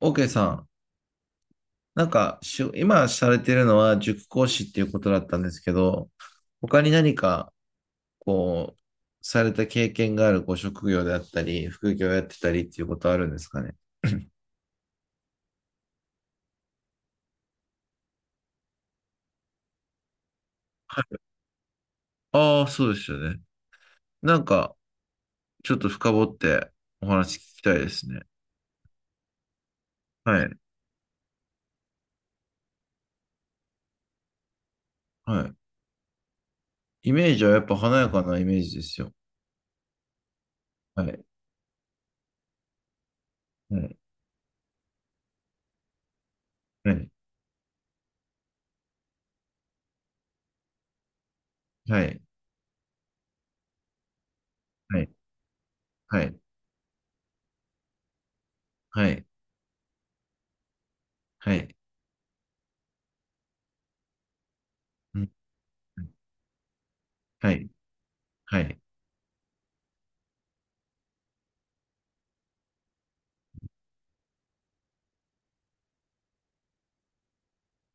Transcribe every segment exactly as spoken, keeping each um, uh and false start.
OK さん、なんかしゅ、今されてるのは塾講師っていうことだったんですけど、他に何か、こう、された経験があるご職業であったり、副業やってたりっていうことあるんですかね。はい。ああ、そうですよね。なんか、ちょっと深掘ってお話聞きたいですね。はい。はい。イメージはやっぱ華やかなイメージですよ。はい。はい。はい。はい。はい。はい。はい。はい。うん。はい。はい。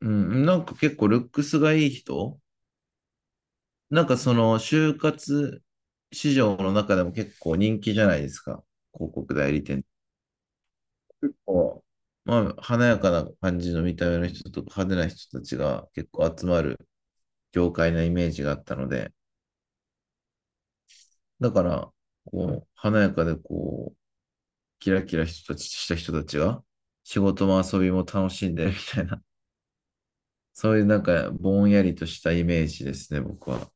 うん。なんか結構ルックスがいい人、なんかその就活市場の中でも結構人気じゃないですか。広告代理店。結構、まあ、華やかな感じの見た目の人とか派手な人たちが結構集まる業界なイメージがあったので、だから、こう、華やかでこう、キラキラ人たちした人たちが仕事も遊びも楽しんでるみたいな、そういうなんかぼんやりとしたイメージですね、僕は。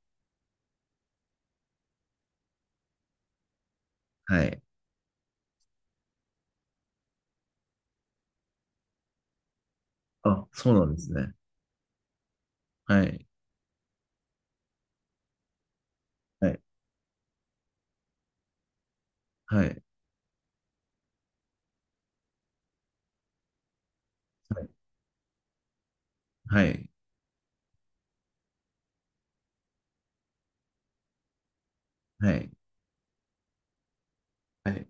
はい。あ、そうなんですね。はい。はい。はい。はい。はい。はい。はい。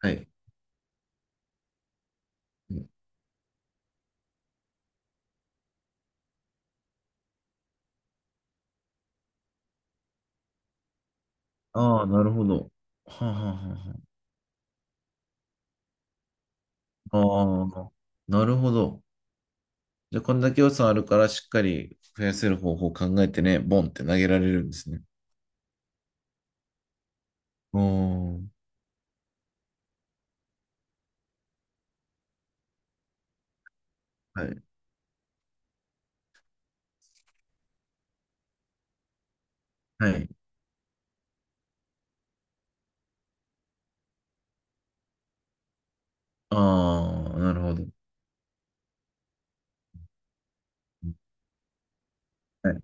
はい。ああー、なるほど。はあ、はあ、はあ、はああー、なるほど。じゃあ、こんだけ予算あるから、しっかり増やせる方法を考えてね、ボンって投げられるんですね。おー、はい。はい。ああ、なるほど。はい。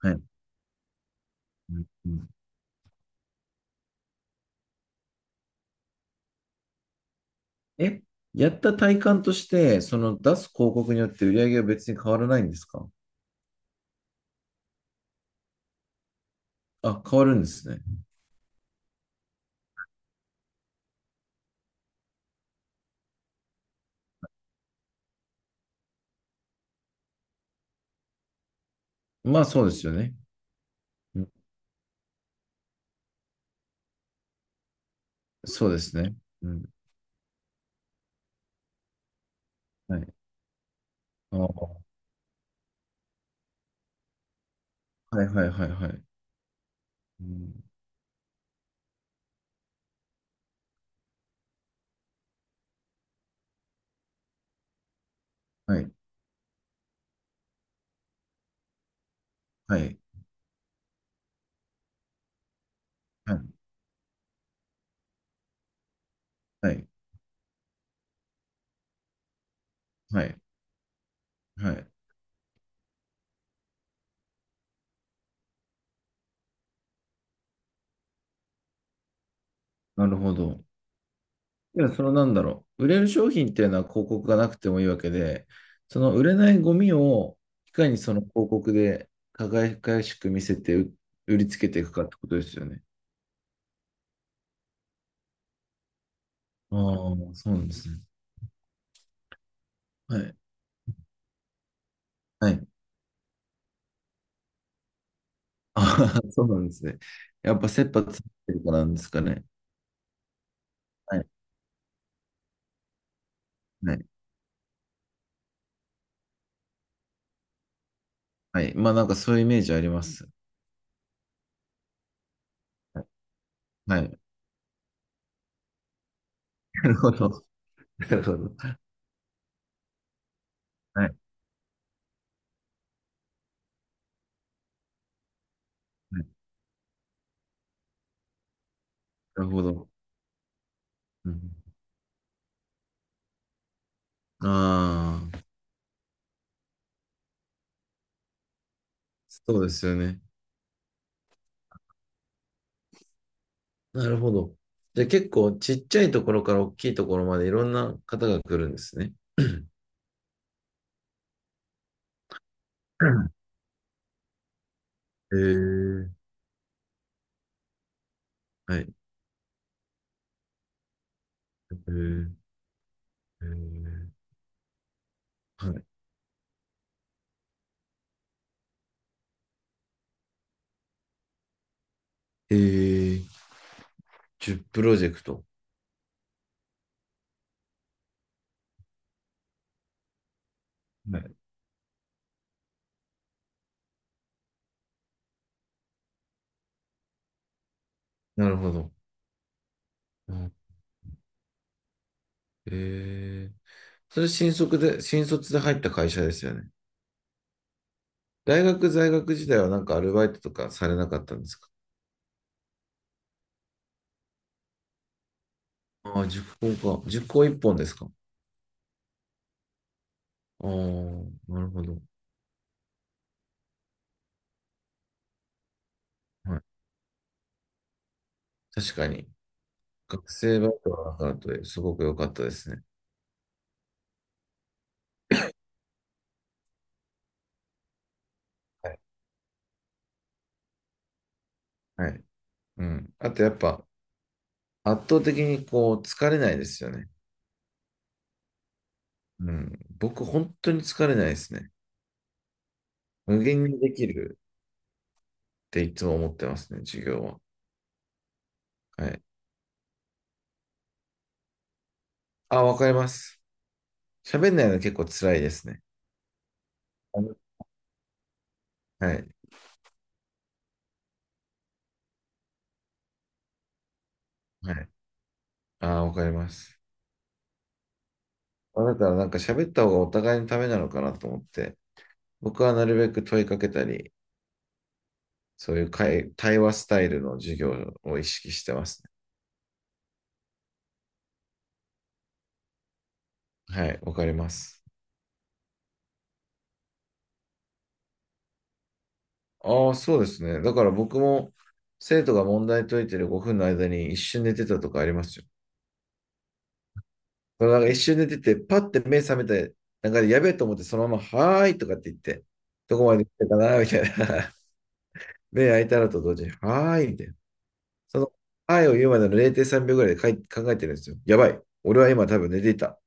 はい。うんうん。え、やった体感として、その出す広告によって売り上げは別に変わらないんですか？あ、変わるんですね。まあ、そうですよね。うん。そうですね。うん。はい。ああ、はいはいはいはい。うん。はい。はい、はい、はい、はい、はい。なるほど。いや、そのなんだろう。売れる商品っていうのは広告がなくてもいいわけで、その売れないゴミをいかにその広告で輝かしく見せて、う、売りつけていくかってことですよね。ああ、そうなんですね。はい。はい。ああ、そうなんですね。やっぱ切羽詰まってるからなんですかね。はい。はい。はい。まあなんかそういうイメージあります。はい。はい。なるほど。なるほど。はい。はい。なるほど。うん、ああ。そうですよね。なるほど。じゃあ結構ちっちゃいところから大きいところまでいろんな方が来るんですね。えー、はい。えー、えー、はい。えー、じゅうプロジェクト。はい。なるほど。うん。えー、それ新卒で、新卒で入った会社ですよね。大学在学時代はなんかアルバイトとかされなかったんですか？ああー、塾講か。塾講一本ですか？ああー、なるほど。はい。確かに。学生バイトはワークアトですごく良かったですね。はい。はい。うん。あとやっぱ圧倒的にこう疲れないですよね。うん。僕本当に疲れないですね。無限にできるっていつも思ってますね、授業は。はい。あ、わかります。喋んないの結構辛いですね。あの、はい。はい。あ、わかります。まあだからなんか喋った方がお互いのためなのかなと思って、僕はなるべく問いかけたり、そういう会、対話スタイルの授業を意識してますね。はい。わかります。ああ、そうですね。だから僕も生徒が問題解いてるごふんの間に一瞬寝てたとかありますよ。だからなんか一瞬寝てて、パッて目覚めて、なんかやべえと思ってそのまま、はーいとかって言って、どこまで来てたかなみたいな。目開いたらと同時に、はーいみたいな。その、はーいを言うまでのれいてんさんびょうぐらいでかい考えてるんですよ。やばい。俺は今多分寝ていた。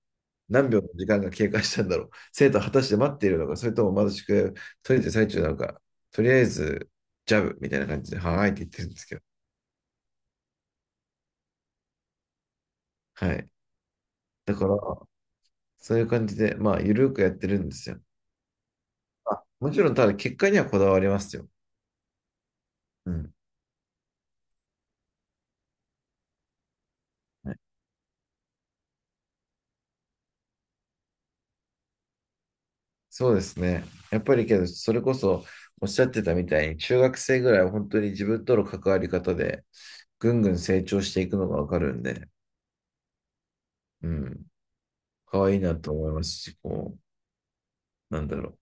何秒の時間が経過したんだろう。生徒は果たして待っているのか、それともまだ宿題を解いてる最中なのか、とりあえず、ジャブみたいな感じで、はーいって言ってるんですけど。はい。だから、そういう感じで、まあ、ゆるくやってるんですよ。あ、もちろん、ただ、結果にはこだわりますよ。うん。はい。そうですね。やっぱりけど、それこそ、おっしゃってたみたいに、中学生ぐらいは本当に自分との関わり方で、ぐんぐん成長していくのがわかるんで、うん。可愛いなと思いますし、こう、なんだろ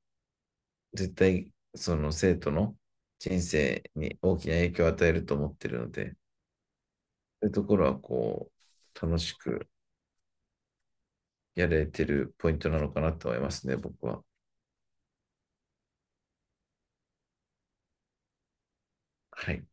う。絶対、その生徒の人生に大きな影響を与えると思ってるので、そういうところは、こう、楽しく、やれてるポイントなのかなと思いますね、僕は。はい。